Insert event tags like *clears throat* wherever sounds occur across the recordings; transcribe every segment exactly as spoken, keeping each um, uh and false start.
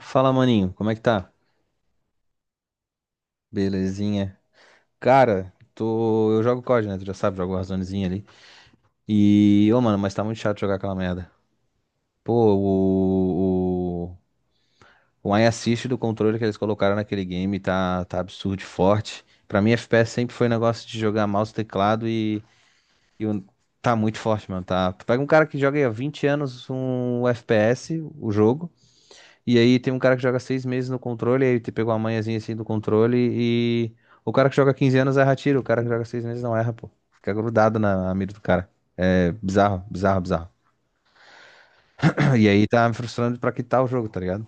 Fala, maninho, como é que tá? Belezinha. Cara, tô... eu jogo C O D, né? Tu já sabe, jogo Warzonezinha ali. E, ô, mano, mas tá muito chato jogar aquela merda. Pô, o... O, o aim assist do controle que eles colocaram naquele game tá, tá absurdo de forte. Pra mim, F P S sempre foi um negócio de jogar mouse, teclado e... e o- Tá muito forte, mano. Tá... Pega um cara que joga aí há vinte anos um F P S, o jogo. E aí tem um cara que joga seis meses no controle, aí te pegou a manhãzinha assim do controle e. O cara que joga quinze anos erra tiro, o cara que joga seis meses não erra, pô. Fica grudado na mira do cara. É bizarro, bizarro, bizarro. *clears throat* E aí tá me frustrando pra quitar o jogo, tá ligado?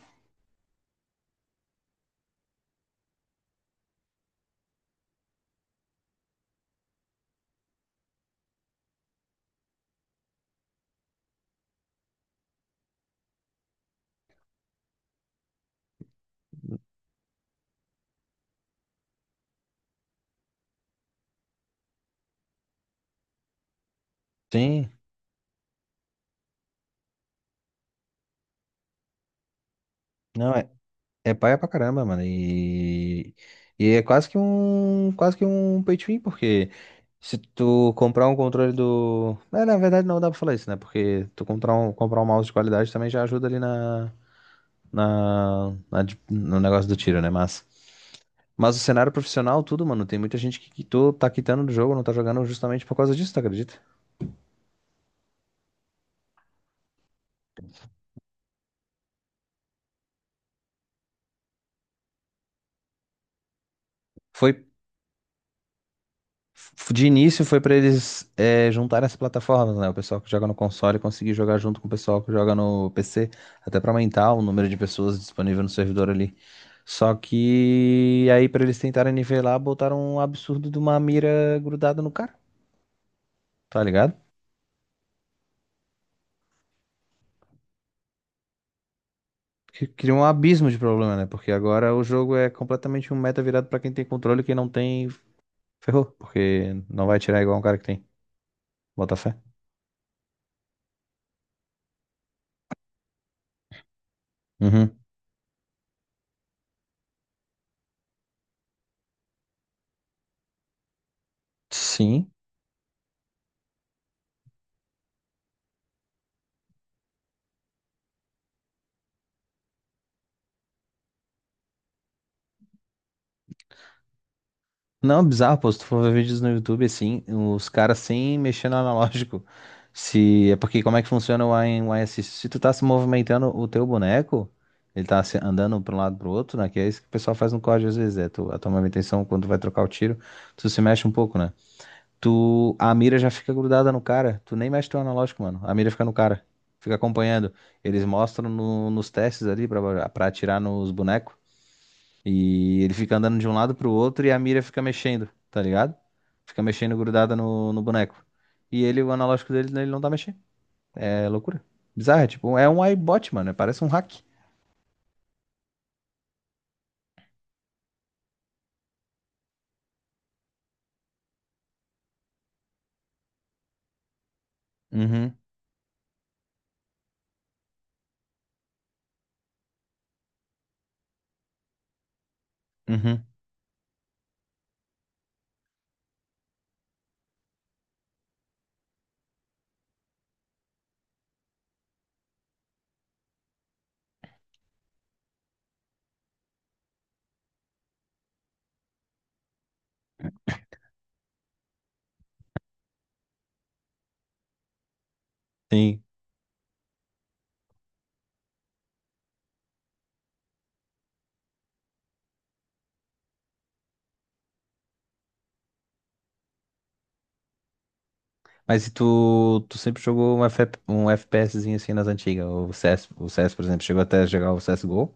Sim, não, é, é paia pra caramba, mano. E, e é quase que um, quase que um pay to win, porque se tu comprar um controle do. É, na verdade não dá pra falar isso, né? Porque tu comprar um, comprar um mouse de qualidade também já ajuda ali na, na, na de- no negócio do tiro, né? Mas, mas o cenário profissional, tudo, mano, tem muita gente que quitou, tá quitando do jogo, não tá jogando justamente por causa disso, tu acredita? Foi, f- de início foi pra eles é, juntarem as plataformas, né? O pessoal que joga no console conseguir jogar junto com o pessoal que joga no P C, até pra aumentar o número de pessoas disponível no servidor ali. Só que aí pra eles tentarem nivelar, botaram um absurdo de uma mira grudada no cara, tá ligado? Que cria um abismo de problema, né? Porque agora o jogo é completamente um meta virado pra quem tem controle, quem não tem, ferrou, porque não vai tirar igual um cara que tem. Bota fé. Uhum. Sim. Não, bizarro, pô. Se tu for ver vídeos no YouTube, assim, os caras sem mexer no analógico. Se é porque como é que funciona o A- o A S? Se tu tá se movimentando o teu boneco, ele tá se- andando pra um lado pro outro, né? Que é isso que o pessoal faz no código às vezes, é tu, a tua manutenção quando tu vai trocar o tiro, tu se mexe um pouco, né? Tu, a mira já fica grudada no cara. Tu nem mexe teu analógico, mano. A mira fica no cara. Fica acompanhando. Eles mostram no- nos testes ali pra, pra atirar nos bonecos. E ele fica andando de um lado pro outro e a mira fica mexendo, tá ligado? Fica mexendo grudada no, no boneco. E ele, o analógico dele, ele não tá mexendo. É loucura. Bizarro, é tipo, é um iBot, mano. É, parece um hack. Uhum, uhum. Sim. Mas e tu, tu sempre jogou um, F F um FPSzinho assim nas antigas? O C S, o C S, por exemplo, chegou até a jogar o C S G O?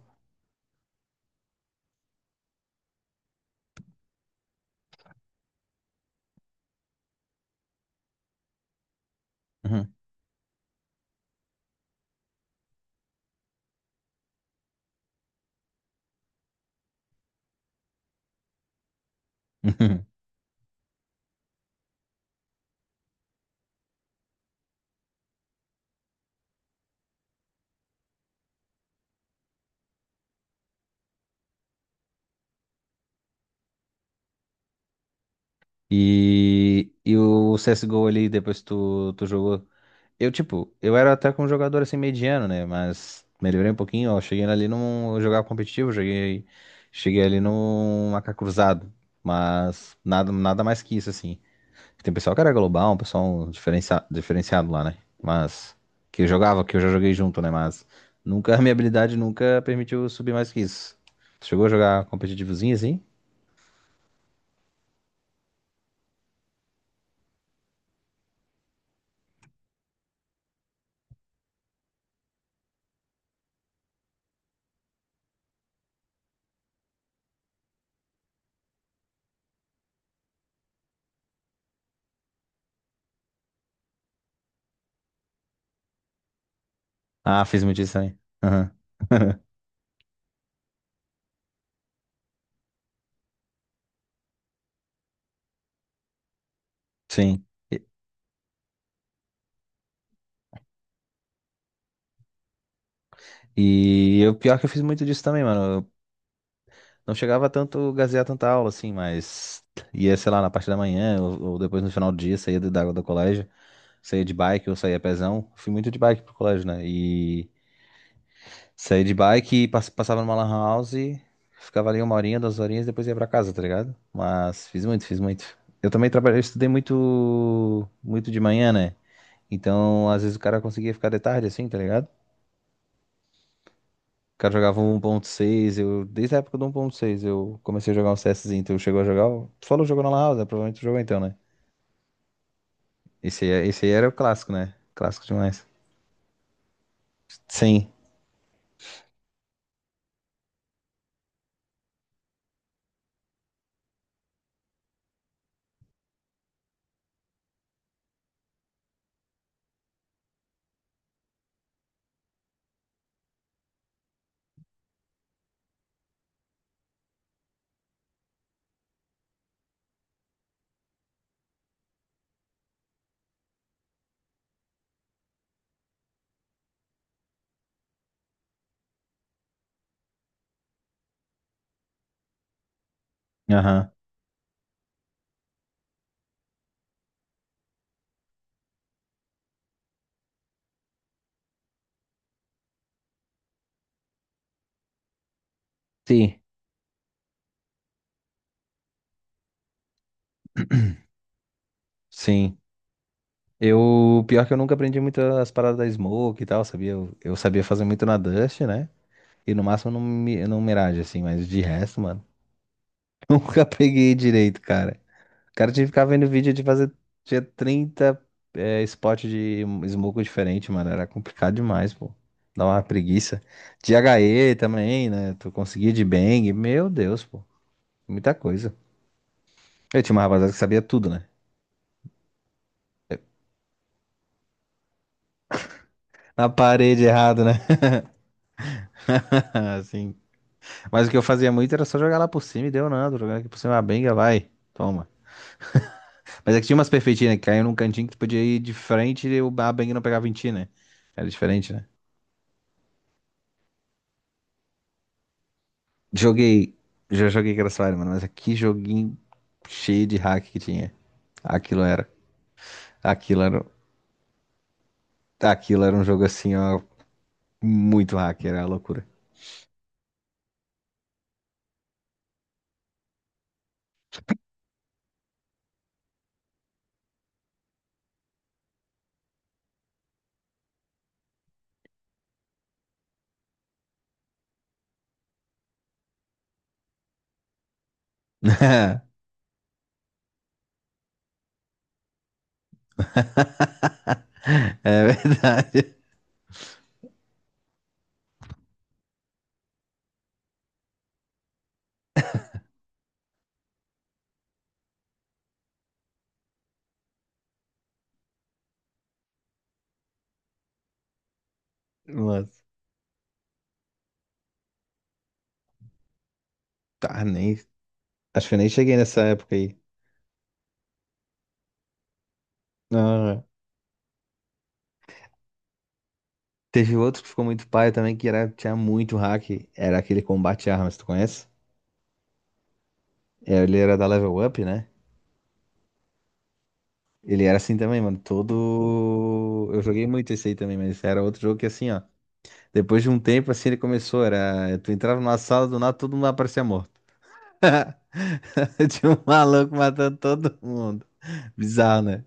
*laughs* E, e o C S G O ali, depois que tu, tu jogou. Eu, tipo, eu era até com um jogador assim mediano, né? Mas melhorei um pouquinho, ó. Cheguei ali num jogar competitivo, cheguei, cheguei ali num A K cruzado. Mas nada, nada mais que isso, assim. Tem pessoal que era global, um pessoal diferencia, diferenciado lá, né? Mas que eu jogava, que eu já joguei junto, né? Mas nunca, *laughs* a minha habilidade nunca permitiu subir mais que isso. Tu chegou a jogar competitivozinho assim? Ah, fiz muito isso também. Aham. *laughs* Sim. E, e o pior que eu fiz muito disso também, mano. Eu não chegava a tanto gazear tanta aula, assim, mas ia, sei lá, na parte da manhã ou, ou depois no final do dia, saía do- da água do colégio, saía de bike ou saía pezão. Fui muito de bike pro colégio, né? E saía de bike e pass- passava numa lan house, ficava ali uma horinha, duas horinhas depois ia pra casa, tá ligado? Mas fiz muito, fiz muito. Eu também trabalhei, eu estudei muito, muito de manhã, né? Então, às vezes o cara conseguia ficar de tarde, assim, tá ligado? O cara jogava um 1.6, eu... Desde a época do um ponto seis eu comecei a jogar um CSzinho, tu chegou a jogar? o- Tu falou que jogou na Lan House, né? Provavelmente tu jogou então, né? Esse aí, esse aí era o clássico, né? Clássico demais. Sim. Aham. Sim. Sim. Eu... Pior que eu nunca aprendi muito as paradas da Smoke e tal, sabia? Eu, eu sabia fazer muito na Dust, né? E no máximo no, Mi- no Mirage, assim, mas de resto, mano, *laughs* nunca peguei direito, cara. Cara, tinha que ficar vendo vídeo de fazer. Tinha trinta é, spot de smoke diferente, mano. Era complicado demais, pô. Dá uma preguiça. De agá é também, né? Tu conseguia de bang. Meu Deus, pô. Muita coisa. Eu tinha uma rapaziada que sabia tudo, né? Na parede errado, né? *laughs* Assim. Mas o que eu fazia muito era só jogar lá por cima e deu nada. Jogar aqui por cima, a benga vai. Toma. Mas é que tinha umas perfeitinhas, né? Que caíam num cantinho que tu podia ir de frente e o- a benga não pegava em ti, né? Era diferente, né? Joguei. Já joguei Crossfire, mano, mas que joguinho cheio de hack que tinha. Aquilo era. Aquilo era, Aquilo era um jogo assim, ó, muito hack, era uma loucura. *laughs* É verdade. Nossa. Tá, nem. Acho que eu nem cheguei nessa época aí. Ah. Teve outro que ficou muito paia também, que era, tinha muito hack. Era aquele Combate Armas, tu conhece? É, ele era da Level Up, né? Ele era assim também, mano. Todo. Eu joguei muito esse aí também, mas era outro jogo que assim, ó. Depois de um tempo, assim, ele começou, era... Tu entrava numa sala, do nada, todo mundo aparecia morto. *laughs* Tinha um maluco matando todo mundo. Bizarro, né?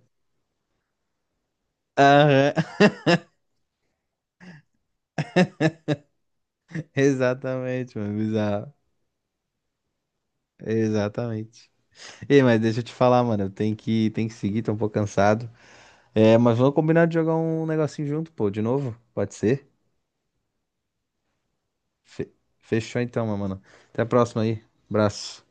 Aham, *laughs* exatamente, mano, bizarro. Exatamente. Ei, mas deixa eu te falar, mano, eu tenho que, tenho que seguir, tô um pouco cansado. É, mas vamos combinar de jogar um negocinho junto, pô, de novo? Pode ser? Fe- Fechou então, meu mano. Até a próxima aí. Abraço.